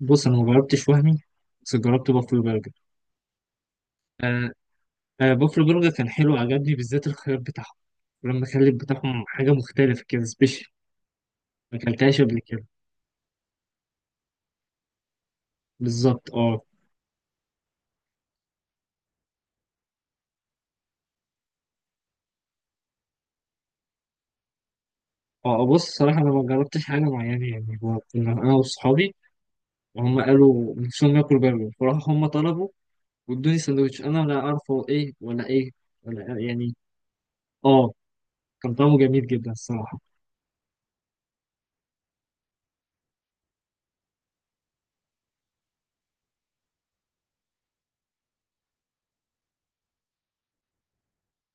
بص، انا ما جربتش وهمي، بس جربت بافلو برجر. آه آه، بافلو برجر كان حلو، عجبني بالذات الخيار بتاعهم. لما كان الخيار بتاعهم حاجه مختلفه كده، سبيشال. ما اكلتهاش قبل كده، بالظبط. اه. بص، صراحه انا ما جربتش حاجه معينه يعني. هو كنا انا واصحابي، وهم قالوا نفسهم ياكلوا برجر، فراحوا هم طلبوا وادوني سندوتش، انا ولا اعرف هو ايه ولا ايه ولا إيه، يعني. اه، كان طعمه جميل جدا الصراحه.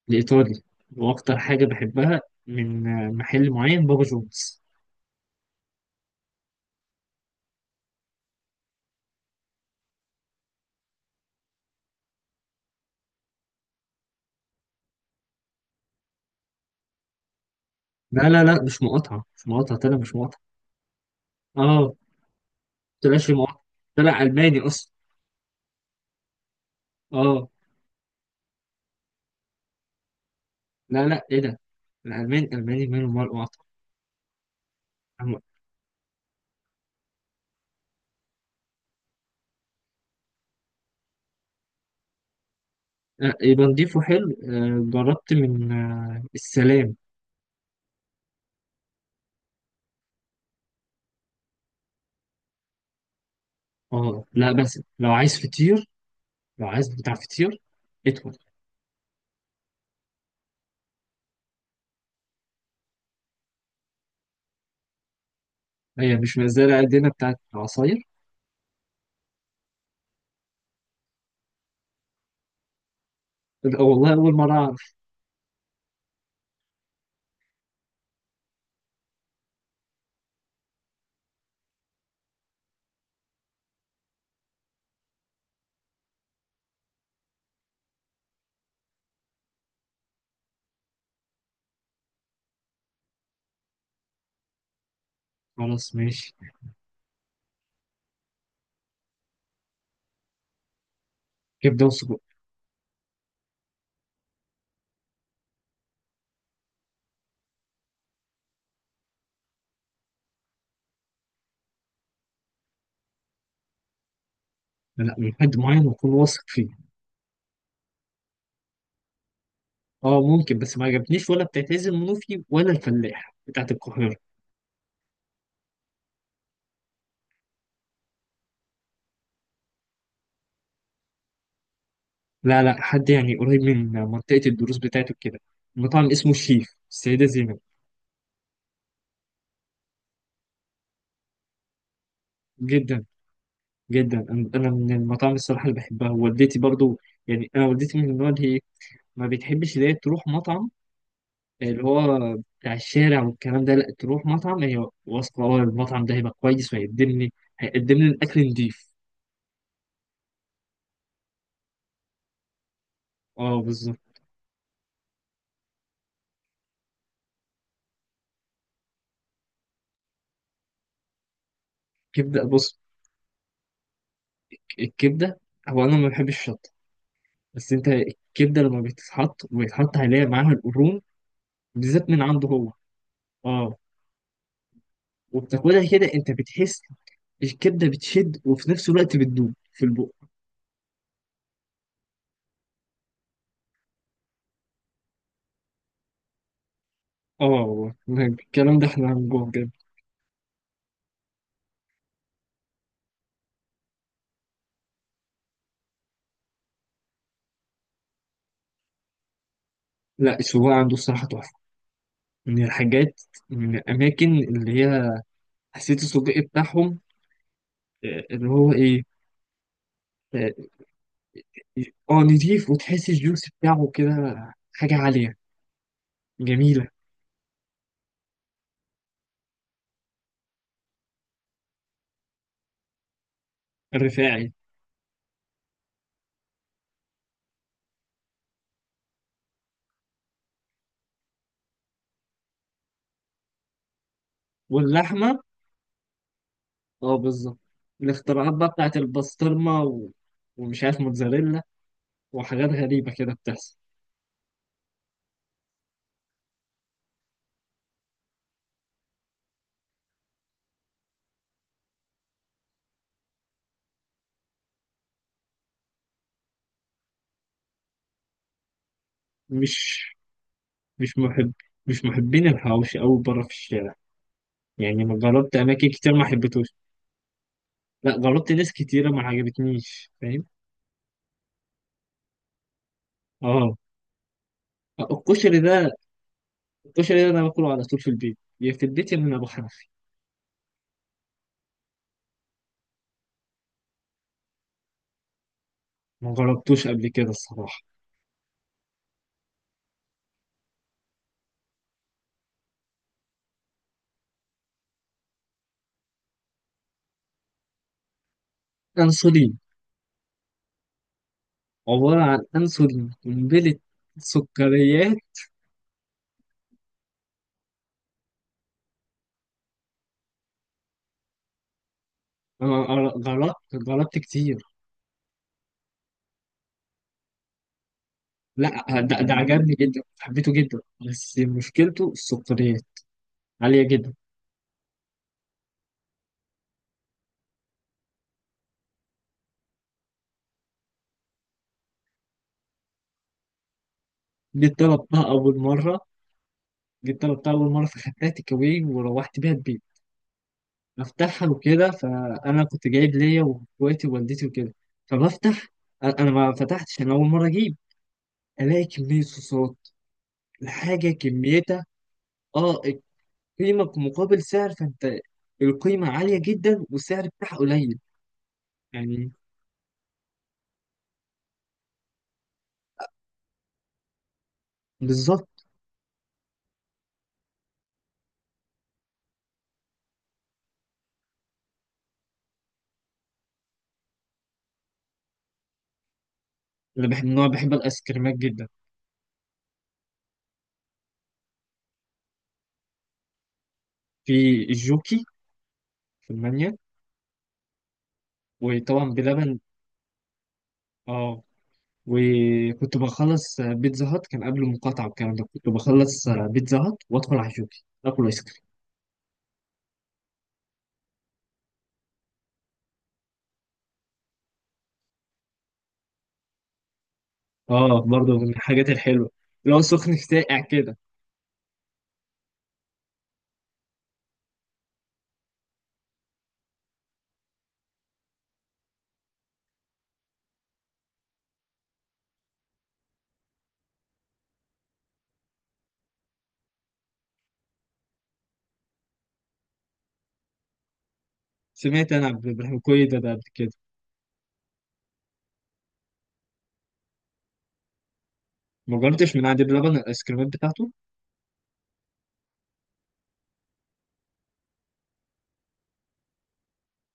الايطالي، واكتر حاجه بحبها من محل معين، بابا جونز. لا لا لا، مش مقاطعة، مش مقاطعة، طلع مش مقاطعة. اه، طلعش مقاطعة، طلع ألماني أصلا. اه. لا لا، إيه ده، الألماني ألماني، ماله مال مقاطعة. أم- يبقى نضيفه، حلو. جربت من السلام. اه لا، بس لو عايز بتاع فطير، ادخل. هي مش مزالة قدنا بتاعت عصاير. لا، والله أول مرة أعرف. خلاص ماشي. كبدة وسجق. لا، من حد معين أكون واثق فيه. اه، ممكن، بس ما عجبتنيش ولا بتاعت عز المنوفي ولا الفلاح بتاعت القاهرة. لا لا، حد يعني قريب من منطقة الدروس بتاعته كده، مطعم اسمه الشيف السيدة زينب. جدا جدا، أنا من المطاعم الصراحة اللي بحبها، ووالدتي برضو. يعني أنا والدتي من النوع اللي هي ما بتحبش اللي هي تروح مطعم اللي هو بتاع الشارع والكلام ده. لا، تروح مطعم هي واثقة أه المطعم ده هيبقى كويس وهيقدم لي، هيقدم لي الأكل نضيف. أه، بالظبط. كبدة. بص، الكبدة، هو أنا ما بحبش الشطة، بس أنت الكبدة لما بتتحط ويتحط عليها معاها القرون بالذات من عنده هو. اه، وبتاكلها كده انت بتحس الكبده بتشد وفي نفس الوقت بتدوب في البق. اه، والله الكلام ده احنا هنجوع بجد. لا، السجق عنده الصراحه تحفه، من الحاجات، من الاماكن اللي هي، حسيت السجق بتاعهم، اللي هو ايه، اه نضيف، وتحس الجوس بتاعه كده حاجه عاليه جميله. رفاعي، واللحمه، اه، بالظبط. الاختراعات بقى بتاعت البسطرمه، و... ومش عارف، موتزاريلا، وحاجات غريبه كده بتحصل. مش مش محب مش محبين الحواوشي أوي برا في الشارع، يعني. أنا جربت أماكن كتير ما حبيتهوش. لا، جربت ناس كتيرة ما عجبتنيش، فاهم. اه. الكشري ده الكشري ده أنا باكله على طول في البيت، يا من أبو حنفي. ما جربتوش قبل كده الصراحة. أنسولين، عبارة عن أنسولين قنبلة، سكريات. أنا جربت كتير. لا، ده عجبني جدا، حبيته جدا، بس مشكلته السكريات عالية جدا. دي طلبتها أول مرة. في خدتي كوي وروحت بيها البيت بفتحها وكده، فأنا كنت جايب ليا وإخواتي ووالدتي وكده فبفتح. أنا ما فتحتش، أنا أول مرة أجيب ألاقي كمية صوصات، الحاجة كميتها. أه، القيمة مقابل سعر، فأنت القيمة عالية جدا والسعر بتاعها قليل، يعني، بالظبط. أنا بحب الآيس كريمات جدا. في الجوكي، في المانيا. وطبعا بلبن. اه، وكنت بخلص بيتزا هات، كان قبل المقاطعة والكلام ده، كنت بخلص بيتزا هات وادخل على جوكي اكل ايس كريم. اه، برضه من الحاجات الحلوة، اللي هو سخن ساقع كده. سمعت انا عبد الرحمن كوي ده قبل كده. ما جربتش من عند بلبن الايس كريمات بتاعته.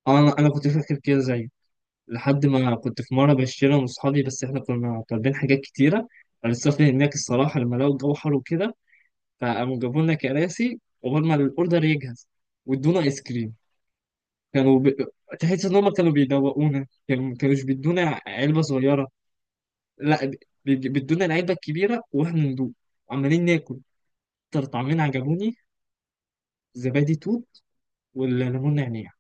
انا كنت فاكر كده زيه، لحد ما كنت في مرة بشتري انا واصحابي، بس احنا كنا طالبين حاجات كتيرة، السفر هناك الصراحة، لما لقوا الجو حر وكده فقاموا جابوا لنا كراسي قبل ما الاوردر يجهز، وادونا ايس كريم. كانوا ب... تحس ان هم كانوا بيدوقونا، كانوا ما كانوش بيدونا علبه صغيره، لا، بيدونا العلبه الكبيره واحنا ندوق، عمالين ناكل. اكتر طعمين عجبوني، زبادي توت والليمون نعناع،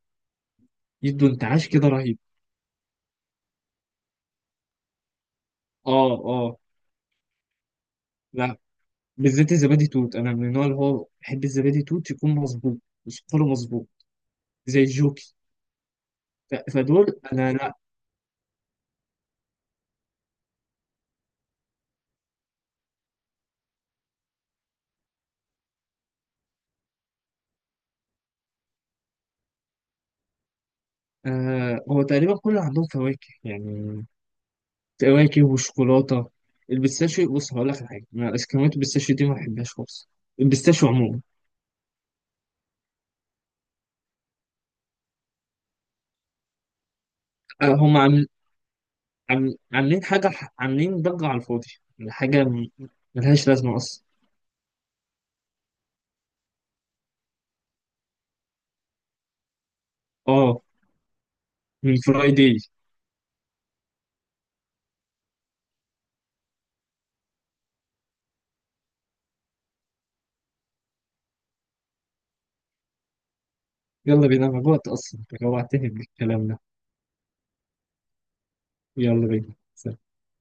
يدوا انتعاش كده رهيب. اه اه. لا، بالذات الزبادي توت، انا من النوع اللي هو بحب الزبادي توت يكون مظبوط وسكره مظبوط، زي الجوكي. فدول انا لا. آه، هو تقريبا كل عندهم فواكه يعني، كواكب وشوكولاته. البيستاشيو، بص هقول لك على حاجه، أنا اسكريمات البيستاشيو دي ما بحبهاش خالص، البيستاشيو عموما. آه، هم عامل عامل- عاملين حاجه ح- عاملين ضجه على الفاضي، يعني ملهاش لازمه اصلا. اه، من فرايداي. يلا بينا، انا جوعت اصلا، انت جوعتني بالكلام ده. يلا بينا.